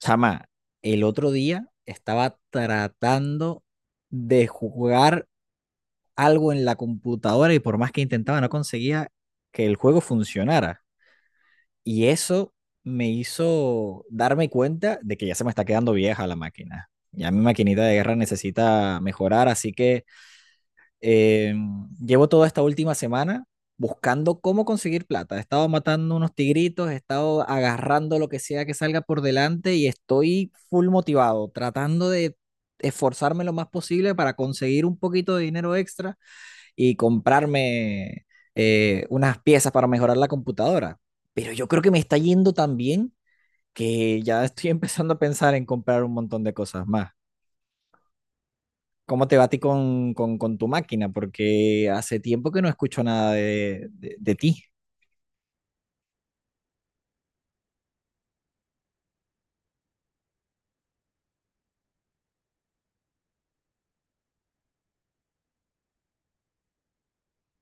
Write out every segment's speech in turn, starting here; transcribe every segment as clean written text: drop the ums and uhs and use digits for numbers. Chama, el otro día estaba tratando de jugar algo en la computadora y por más que intentaba no conseguía que el juego funcionara. Y eso me hizo darme cuenta de que ya se me está quedando vieja la máquina. Ya mi maquinita de guerra necesita mejorar, así que eh, llevo toda esta última semana buscando cómo conseguir plata. He estado matando unos tigritos, he estado agarrando lo que sea que salga por delante y estoy full motivado, tratando de esforzarme lo más posible para conseguir un poquito de dinero extra y comprarme unas piezas para mejorar la computadora. Pero yo creo que me está yendo tan bien que ya estoy empezando a pensar en comprar un montón de cosas más. ¿Cómo te va a ti con, con tu máquina? Porque hace tiempo que no escucho nada de, de ti.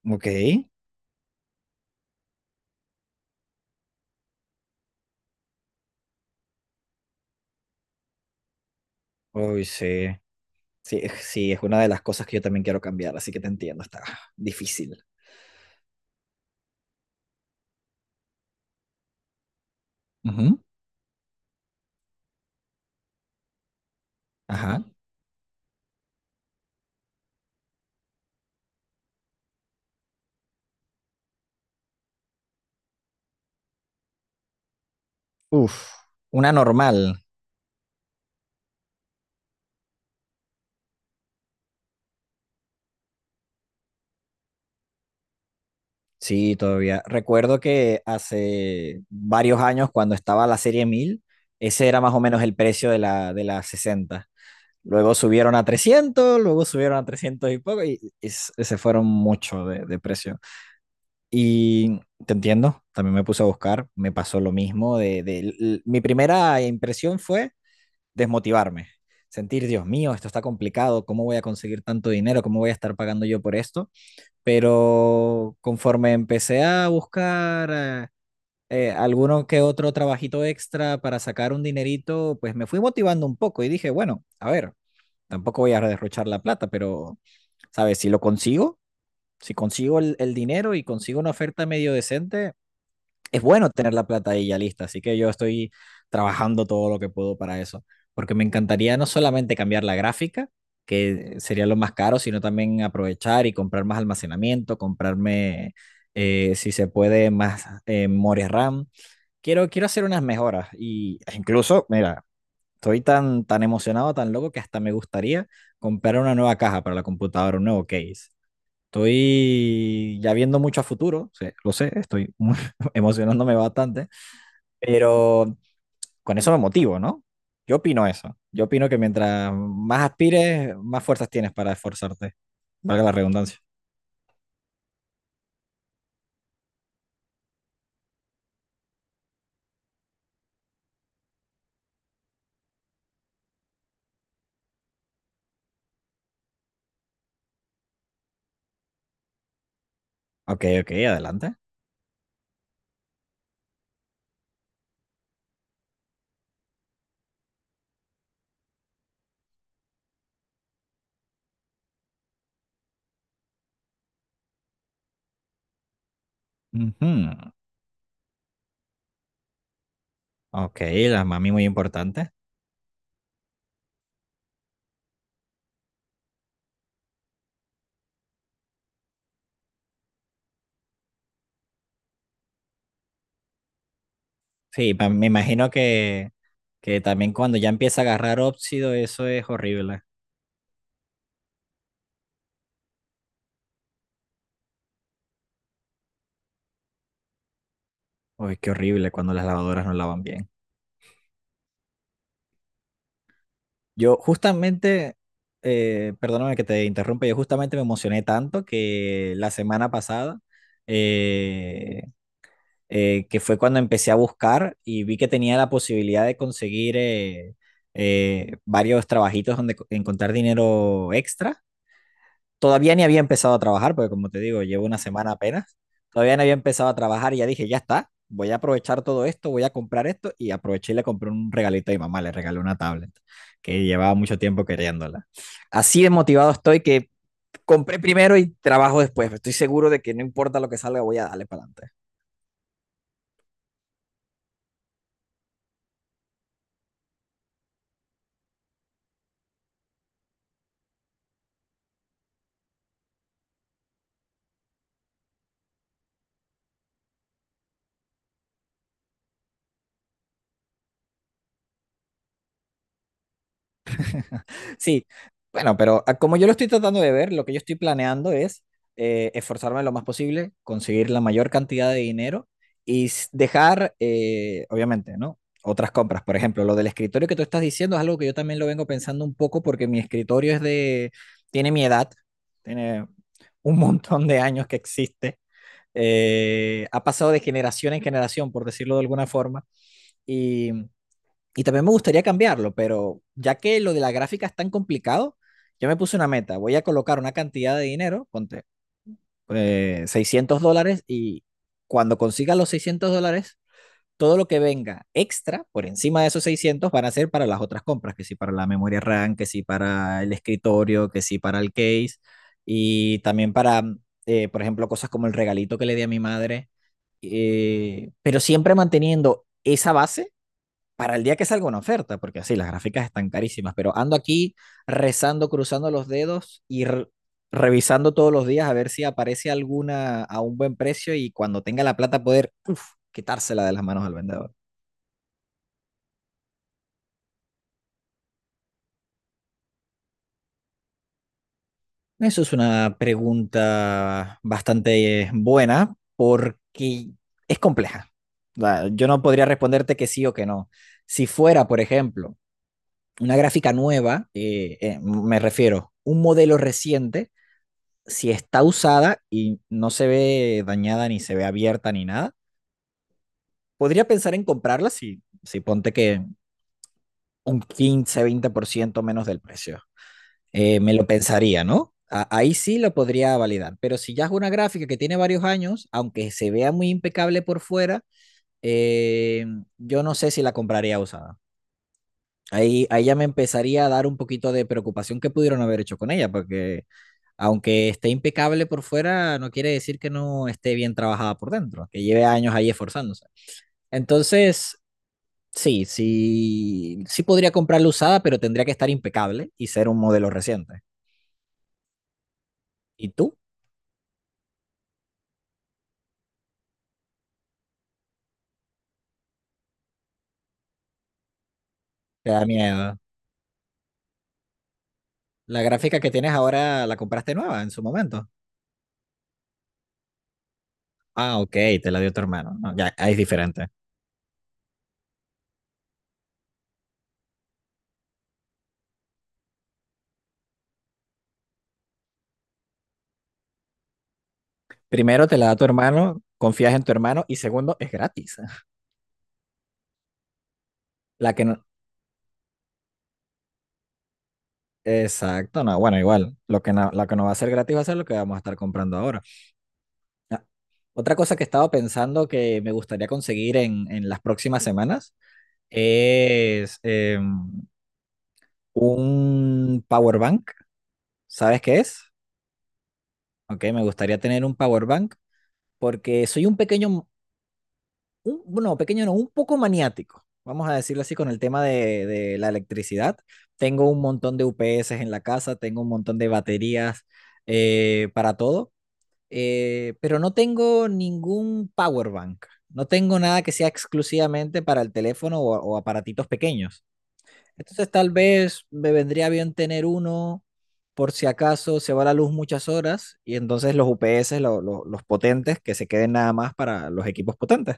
Ok. Uy, sí. Sí, es una de las cosas que yo también quiero cambiar, así que te entiendo, está difícil. Ujú. Ajá. Uf, una normal. Sí, todavía. Recuerdo que hace varios años, cuando estaba la serie 1000 ese era más o menos el precio de la sesenta. Luego subieron a trescientos, luego subieron a 300 y poco, y se fueron mucho de precio. Y te entiendo, también me puse a buscar, me pasó lo mismo, mi primera impresión fue desmotivarme, sentir, Dios mío, esto está complicado, ¿cómo voy a conseguir tanto dinero? ¿Cómo voy a estar pagando yo por esto? Pero conforme empecé a buscar alguno que otro trabajito extra para sacar un dinerito, pues me fui motivando un poco y dije, bueno, a ver, tampoco voy a derrochar la plata, pero, ¿sabes? Si lo consigo, si consigo el dinero y consigo una oferta medio decente, es bueno tener la plata ahí ya lista, así que yo estoy trabajando todo lo que puedo para eso, porque me encantaría no solamente cambiar la gráfica, que sería lo más caro, sino también aprovechar y comprar más almacenamiento, comprarme, si se puede, más memoria RAM. Quiero, quiero hacer unas mejoras y e incluso, mira, estoy tan, tan emocionado, tan loco que hasta me gustaría comprar una nueva caja para la computadora, un nuevo case. Estoy ya viendo mucho a futuro, sí, lo sé, emocionándome bastante, pero con eso me motivo, ¿no? Yo opino eso. Yo opino que mientras más aspires, más fuerzas tienes para esforzarte. Valga la redundancia. Ok, ok, adelante. Ujú. Ok, la mami muy importante. Sí, me imagino que también cuando ya empieza a agarrar óxido, eso es horrible. Uy, qué horrible cuando las lavadoras no lavan bien. Yo justamente, perdóname que te interrumpa, yo justamente me emocioné tanto que la semana pasada eh, que fue cuando empecé a buscar y vi que tenía la posibilidad de conseguir varios trabajitos donde encontrar dinero extra. Todavía ni había empezado a trabajar, porque como te digo, llevo una semana apenas. Todavía no había empezado a trabajar y ya dije, ya está, voy a aprovechar todo esto, voy a comprar esto y aproveché y le compré un regalito a mi mamá, le regalé una tablet que llevaba mucho tiempo queriéndola. Así de motivado estoy que compré primero y trabajo después. Estoy seguro de que no importa lo que salga, voy a darle para adelante. Sí, bueno, pero como yo lo estoy tratando de ver, lo que yo estoy planeando es esforzarme lo más posible, conseguir la mayor cantidad de dinero y dejar, obviamente, ¿no? Otras compras. Por ejemplo, lo del escritorio que tú estás diciendo es algo que yo también lo vengo pensando un poco porque mi escritorio es de, tiene mi edad, tiene un montón de años que existe. Ha pasado de generación en generación, por decirlo de alguna forma, y y también me gustaría cambiarlo, pero ya que lo de la gráfica es tan complicado, yo me puse una meta. Voy a colocar una cantidad de dinero, ponte $600, y cuando consiga los $600, todo lo que venga extra por encima de esos 600 van a ser para las otras compras, que sí para la memoria RAM, que sí para el escritorio, que sí para el case, y también para, por ejemplo, cosas como el regalito que le di a mi madre, pero siempre manteniendo esa base para el día que salga una oferta, porque así las gráficas están carísimas, pero ando aquí rezando, cruzando los dedos y revisando todos los días a ver si aparece alguna a un buen precio y cuando tenga la plata poder uf, quitársela de las manos al vendedor. Eso es una pregunta bastante buena porque es compleja. Va, yo no podría responderte que sí o que no. Si fuera, por ejemplo, una gráfica nueva, me refiero, un modelo reciente, si está usada y no se ve dañada ni se ve abierta ni nada, podría pensar en comprarla si, si ponte que un 15 20% menos del precio. Me lo pensaría, ¿no? Ahí sí lo podría validar, pero si ya es una gráfica que tiene varios años, aunque se vea muy impecable por fuera, eh, yo no sé si la compraría usada. Ahí, ahí ya me empezaría a dar un poquito de preocupación que pudieron haber hecho con ella, porque aunque esté impecable por fuera, no quiere decir que no esté bien trabajada por dentro, que lleve años ahí esforzándose. Entonces, sí, sí, sí podría comprarla usada, pero tendría que estar impecable y ser un modelo reciente. ¿Y tú? Te da miedo. La gráfica que tienes ahora la compraste nueva en su momento. Ah, ok, te la dio tu hermano. No, ya, ahí es diferente. Primero, te la da tu hermano, confías en tu hermano y segundo, es gratis. La que no... Exacto, no, bueno, igual, lo que no, la que no va a ser gratis va a ser lo que vamos a estar comprando ahora. Ah, otra cosa que estaba pensando que me gustaría conseguir en las próximas semanas es un power bank. ¿Sabes qué es? Ok, me gustaría tener un power bank porque soy un pequeño, un, bueno, pequeño no, un poco maniático. Vamos a decirlo así con el tema de la electricidad. Tengo un montón de UPS en la casa, tengo un montón de baterías para todo. Pero no tengo ningún power bank. No tengo nada que sea exclusivamente para el teléfono o aparatitos pequeños. Entonces tal vez me vendría bien tener uno por si acaso se va la luz muchas horas y entonces los UPS, los potentes, que se queden nada más para los equipos potentes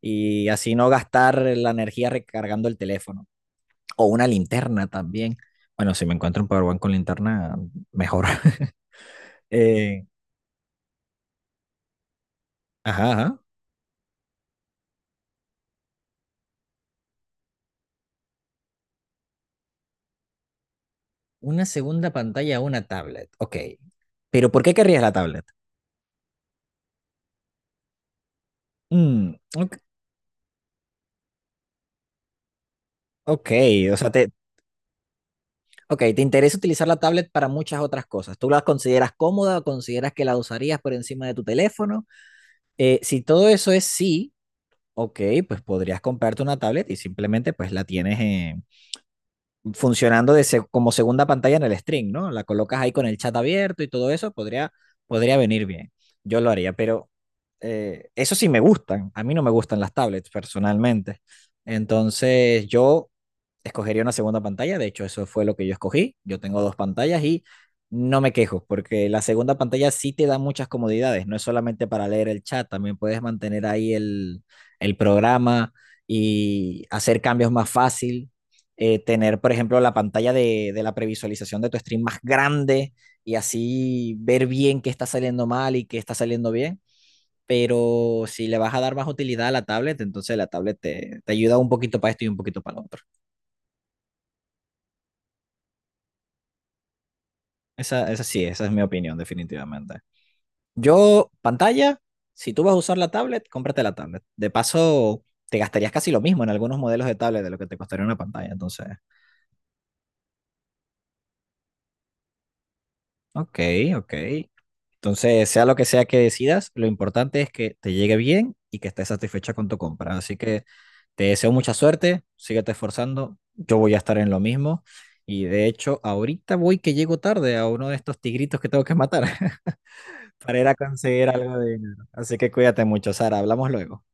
y así no gastar la energía recargando el teléfono o una linterna también. Bueno, si me encuentro un Powerbank con linterna, mejor. Eh, ajá, ajá. Una segunda pantalla a una tablet. Ok. Pero ¿por qué querrías la tablet? Mm, ok. Ok, o sea, te, ok, te interesa utilizar la tablet para muchas otras cosas. ¿Tú la consideras cómoda o consideras que la usarías por encima de tu teléfono? Si todo eso es sí, ok, pues podrías comprarte una tablet y simplemente pues la tienes funcionando de como segunda pantalla en el stream, ¿no? La colocas ahí con el chat abierto y todo eso, podría venir bien. Yo lo haría, pero eso sí me gustan. A mí no me gustan las tablets personalmente. Entonces yo escogería una segunda pantalla. De hecho, eso fue lo que yo escogí. Yo tengo dos pantallas y no me quejo, porque la segunda pantalla sí te da muchas comodidades. No es solamente para leer el chat, también puedes mantener ahí el programa y hacer cambios más fácil tener, por ejemplo, la pantalla de la previsualización de tu stream más grande y así ver bien qué está saliendo mal y qué está saliendo bien. Pero si le vas a dar más utilidad a la tablet, entonces la tablet te, te ayuda un poquito para esto y un poquito para lo otro. Esa sí, esa es mi opinión, definitivamente. Yo, pantalla, si tú vas a usar la tablet, cómprate la tablet. De paso, te gastarías casi lo mismo en algunos modelos de tablet de lo que te costaría una pantalla. Entonces, ok, ok. Entonces, sea lo que sea que decidas, lo importante es que te llegue bien y que estés satisfecha con tu compra. Así que te deseo mucha suerte, síguete esforzando, yo voy a estar en lo mismo. Y de hecho, ahorita voy que llego tarde a uno de estos tigritos que tengo que matar para ir a conseguir algo de dinero. Así que cuídate mucho, Sara, hablamos luego.